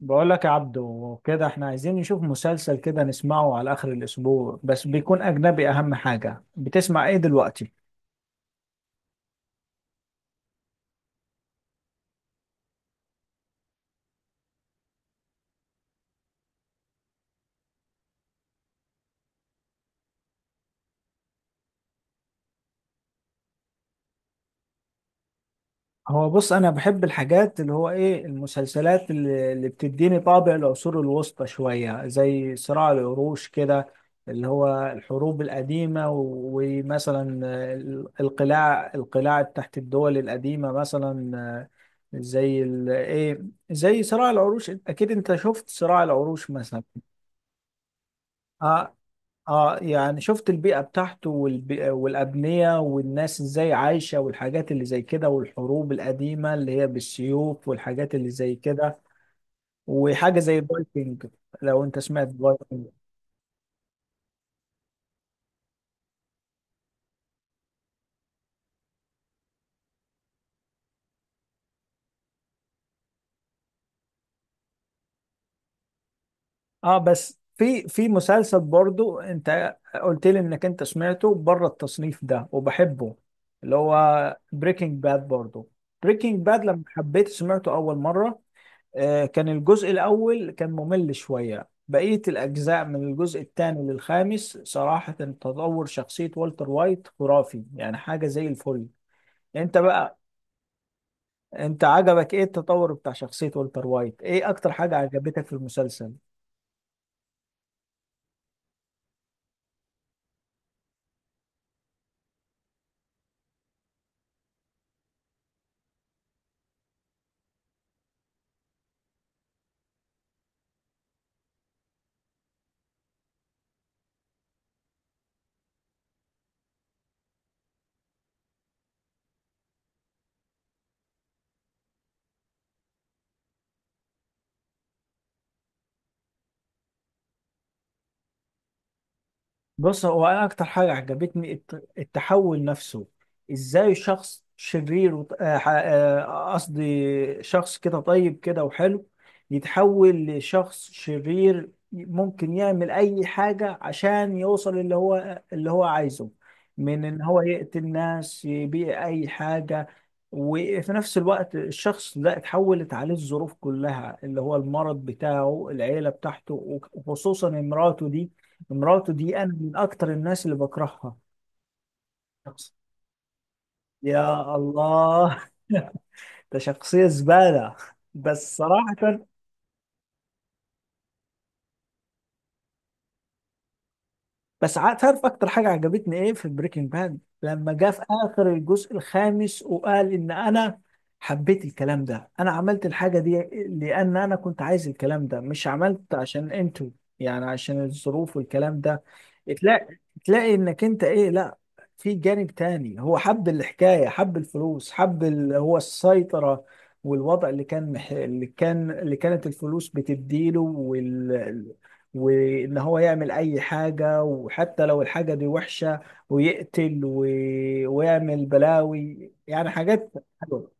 بقول لك يا عبدو كده احنا عايزين نشوف مسلسل كده نسمعه على اخر الاسبوع، بس بيكون اجنبي. اهم حاجة، بتسمع ايه دلوقتي؟ هو بص، انا بحب الحاجات اللي هو ايه، المسلسلات اللي بتديني طابع العصور الوسطى شوية، زي صراع العروش كده. اللي هو الحروب القديمة ومثلا القلاع، القلاع تحت الدول القديمة مثلا. آه، زي ال- ايه زي صراع العروش. اكيد انت شفت صراع العروش مثلا. اه، اه، يعني شفت البيئة بتاعته، والبيئة والأبنية والناس ازاي عايشة، والحاجات اللي زي كده، والحروب القديمة اللي هي بالسيوف والحاجات اللي زي كده. وحاجة زي الفايكنج. لو انت سمعت فايكنج. اه، بس في مسلسل برضو انت قلت لي انك انت سمعته بره التصنيف ده وبحبه، اللي هو بريكنج باد برضو. بريكنج باد لما حبيت سمعته اول مرة، كان الجزء الأول كان ممل شوية. بقية الأجزاء من الجزء الثاني للخامس، صراحة تطور شخصية والتر وايت خرافي، يعني حاجة زي الفل. أنت بقى، أنت عجبك إيه التطور بتاع شخصية والتر وايت؟ إيه أكتر حاجة عجبتك في المسلسل؟ بص، هو انا اكتر حاجه عجبتني التحول نفسه. ازاي شخص شرير وط- آه، ح- آه، قصدي شخص كده طيب كده وحلو، يتحول لشخص شرير ممكن يعمل اي حاجه عشان يوصل اللي هو عايزه. من ان هو يقتل ناس، يبيع اي حاجه. وفي نفس الوقت، الشخص ده اتحولت عليه الظروف كلها، اللي هو المرض بتاعه، العيله بتاعته، وخصوصا مراته دي. مراته دي انا من اكتر الناس اللي بكرهها. شخص، يا الله. ده شخصية زبالة، بس صراحة. تعرف اكتر حاجه عجبتني ايه في بريكنج باد؟ لما جه في اخر الجزء الخامس وقال ان انا حبيت الكلام ده، انا عملت الحاجه دي لان انا كنت عايز الكلام ده، مش عملت عشان انتوا. يعني عشان الظروف والكلام ده. تلاقي، تلاقي انك انت ايه، لا في جانب تاني، هو حب الحكايه، حب الفلوس، حب هو السيطره، والوضع اللي كان اللي كانت الفلوس بتديله، وان هو يعمل اي حاجة، وحتى لو الحاجة دي وحشة، ويقتل و... ويعمل بلاوي، يعني حاجات. حلوة.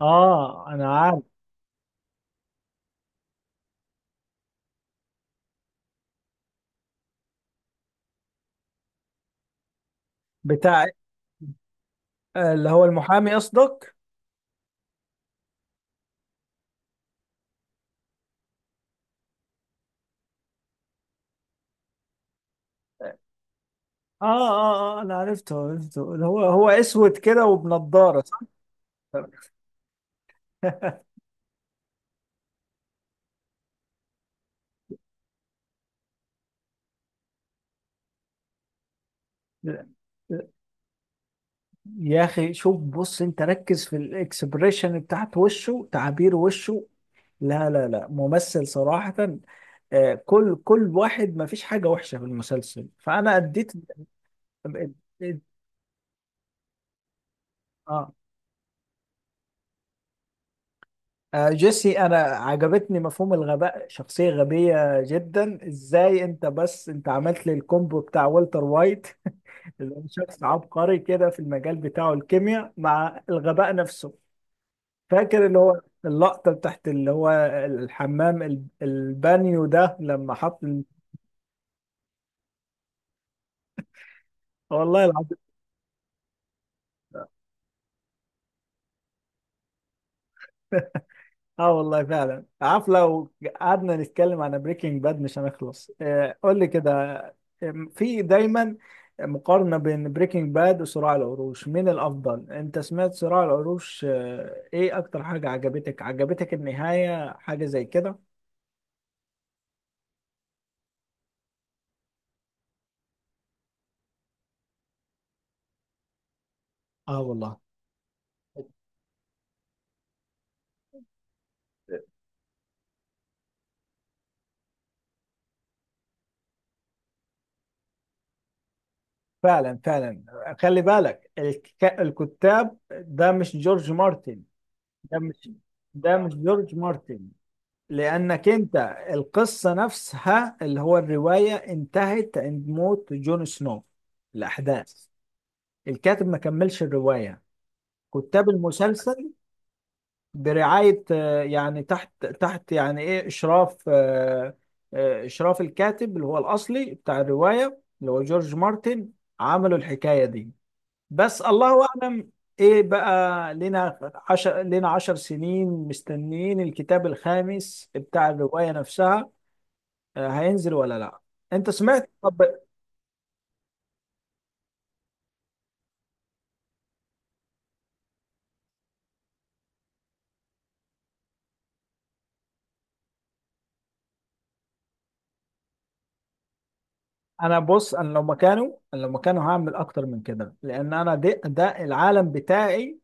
اه، انا عارف. بتاع، اللي هو المحامي قصدك. اه، اه، اه، انا عرفته، عرفته. اللي هو هو اسود كده وبنضارة، صح؟ لا، يا اخي شوف، بص انت ركز في الاكسبريشن بتاعت وشه، تعابير وشه. لا، لا، لا، ممثل صراحة. كل واحد، ما فيش حاجة وحشة في المسلسل، فأنا أديت. آه. جيسي أنا عجبتني مفهوم الغباء، شخصية غبية جدا. إزاي أنت، بس أنت عملت لي الكومبو بتاع والتر وايت. اللي هو شخص عبقري كده في المجال بتاعه، الكيمياء مع الغباء نفسه. فاكر اللي هو اللقطة بتاعت، اللي هو الحمام، البانيو ده، لما حط والله العظيم. اه، والله فعلا. عارف، لو قعدنا نتكلم عن بريكنج باد مش هنخلص. قول لي كده، في دايما مقارنة بين بريكنج باد وصراع العروش، مين الأفضل؟ أنت سمعت صراع العروش، إيه أكتر حاجة عجبتك؟ عجبتك النهاية، حاجة زي كده؟ اه، والله فعلا، فعلا. خلي بالك، الكتاب ده مش جورج مارتن. ده مش ده مش جورج مارتن. لأنك أنت، القصة نفسها، اللي هو الرواية، انتهت عند موت جون سنو. الأحداث، الكاتب ما كملش الرواية. كتاب المسلسل برعاية، يعني تحت، تحت يعني إيه إشراف آه، آه، إشراف الكاتب اللي هو الأصلي بتاع الرواية، اللي هو جورج مارتن. عملوا الحكاية دي، بس الله اعلم. ايه بقى، لنا لنا 10 سنين مستنيين الكتاب الخامس بتاع الرواية نفسها، هينزل ولا لا. انت سمعت؟ طب انا بص، انا لو مكانه هعمل اكتر من كده، لان انا ده العالم بتاعي،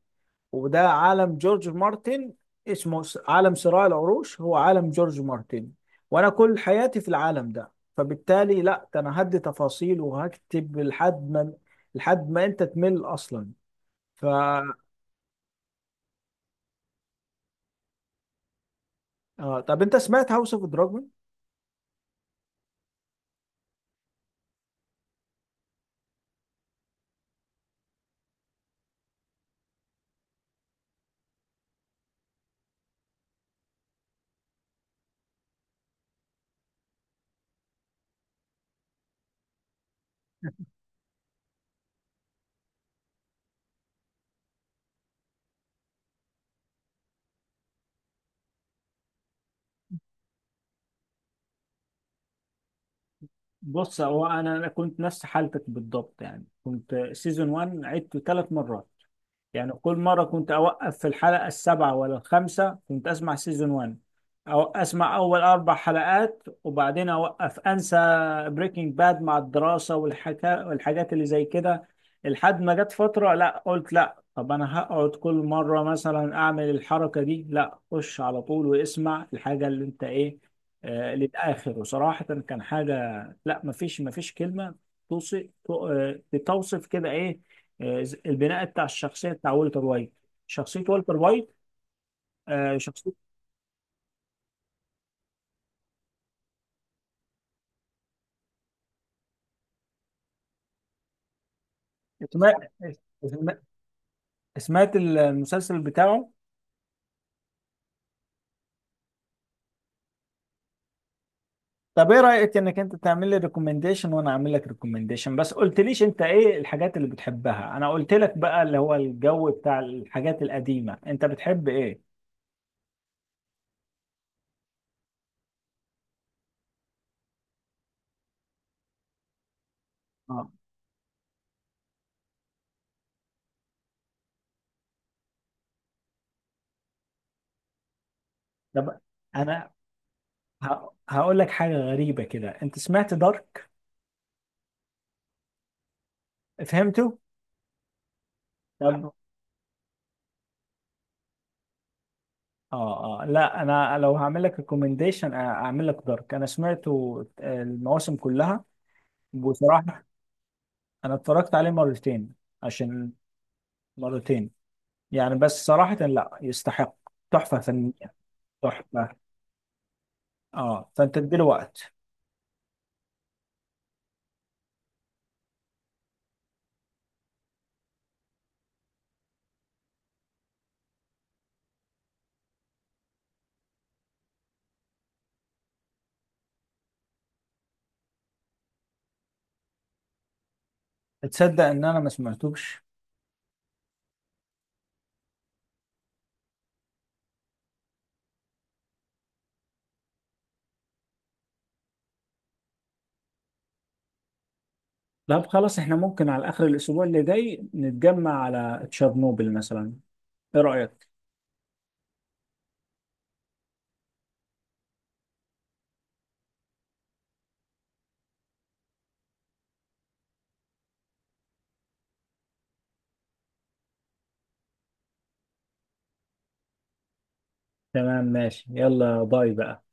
وده عالم جورج مارتن. اسمه عالم صراع العروش هو عالم جورج مارتن، وانا كل حياتي في العالم ده. فبالتالي لا، ده انا هدي تفاصيل وهكتب لحد ما، لحد ما انت تمل اصلا. ف، آه، طب انت سمعت هاوس اوف دراجون؟ بص هو انا كنت نفس حالتك بالضبط. يعني كنت سيزون 1 عدته 3 مرات. يعني كل مرة كنت أوقف في الحلقة السابعة ولا الخامسة، كنت أسمع سيزون 1 أو أسمع أول 4 حلقات وبعدين أوقف أنسى بريكنج باد مع الدراسة والحكا والحاجات اللي زي كده. لحد ما جت فترة، لا قلت لا، طب أنا هقعد كل مرة مثلا أعمل الحركة دي، لا خش على طول واسمع الحاجة اللي أنت إيه، للآخر. وصراحة كان حاجة، لا مفيش كلمة توصف، توصف كده إيه. البناء بتاع الشخصيه بتاع والتر وايت، شخصيه والتر وايت، شخصيه. اسمها اسمها- سمعت المسلسل بتاعه؟ طب ايه رايك انك انت تعمل لي ريكومنديشن وانا اعمل لك ريكومنديشن؟ بس قلتليش انت ايه الحاجات اللي بتحبها. انا قلت لك بقى اللي هو الجو بتاع الحاجات القديمه، انت بتحب ايه؟ اه، طب انا هقول لك حاجه غريبه كده. انت سمعت دارك؟ فهمته. طب، اه، اه، لا انا لو هعمل لك ريكومنديشن اعمل لك دارك. انا سمعته، المواسم كلها. بصراحه انا اتفرجت عليه مرتين. عشان مرتين، يعني بس صراحه لا، يستحق، تحفه فنيه، تحفه. اه، فانت اديله وقت. تصدق ان انا ما سمعتوش؟ طب خلاص، احنا ممكن على اخر الاسبوع اللي جاي نتجمع على تشيرنوبل مثلا، ايه رأيك؟ تمام، ماشي، يلا باي بقى.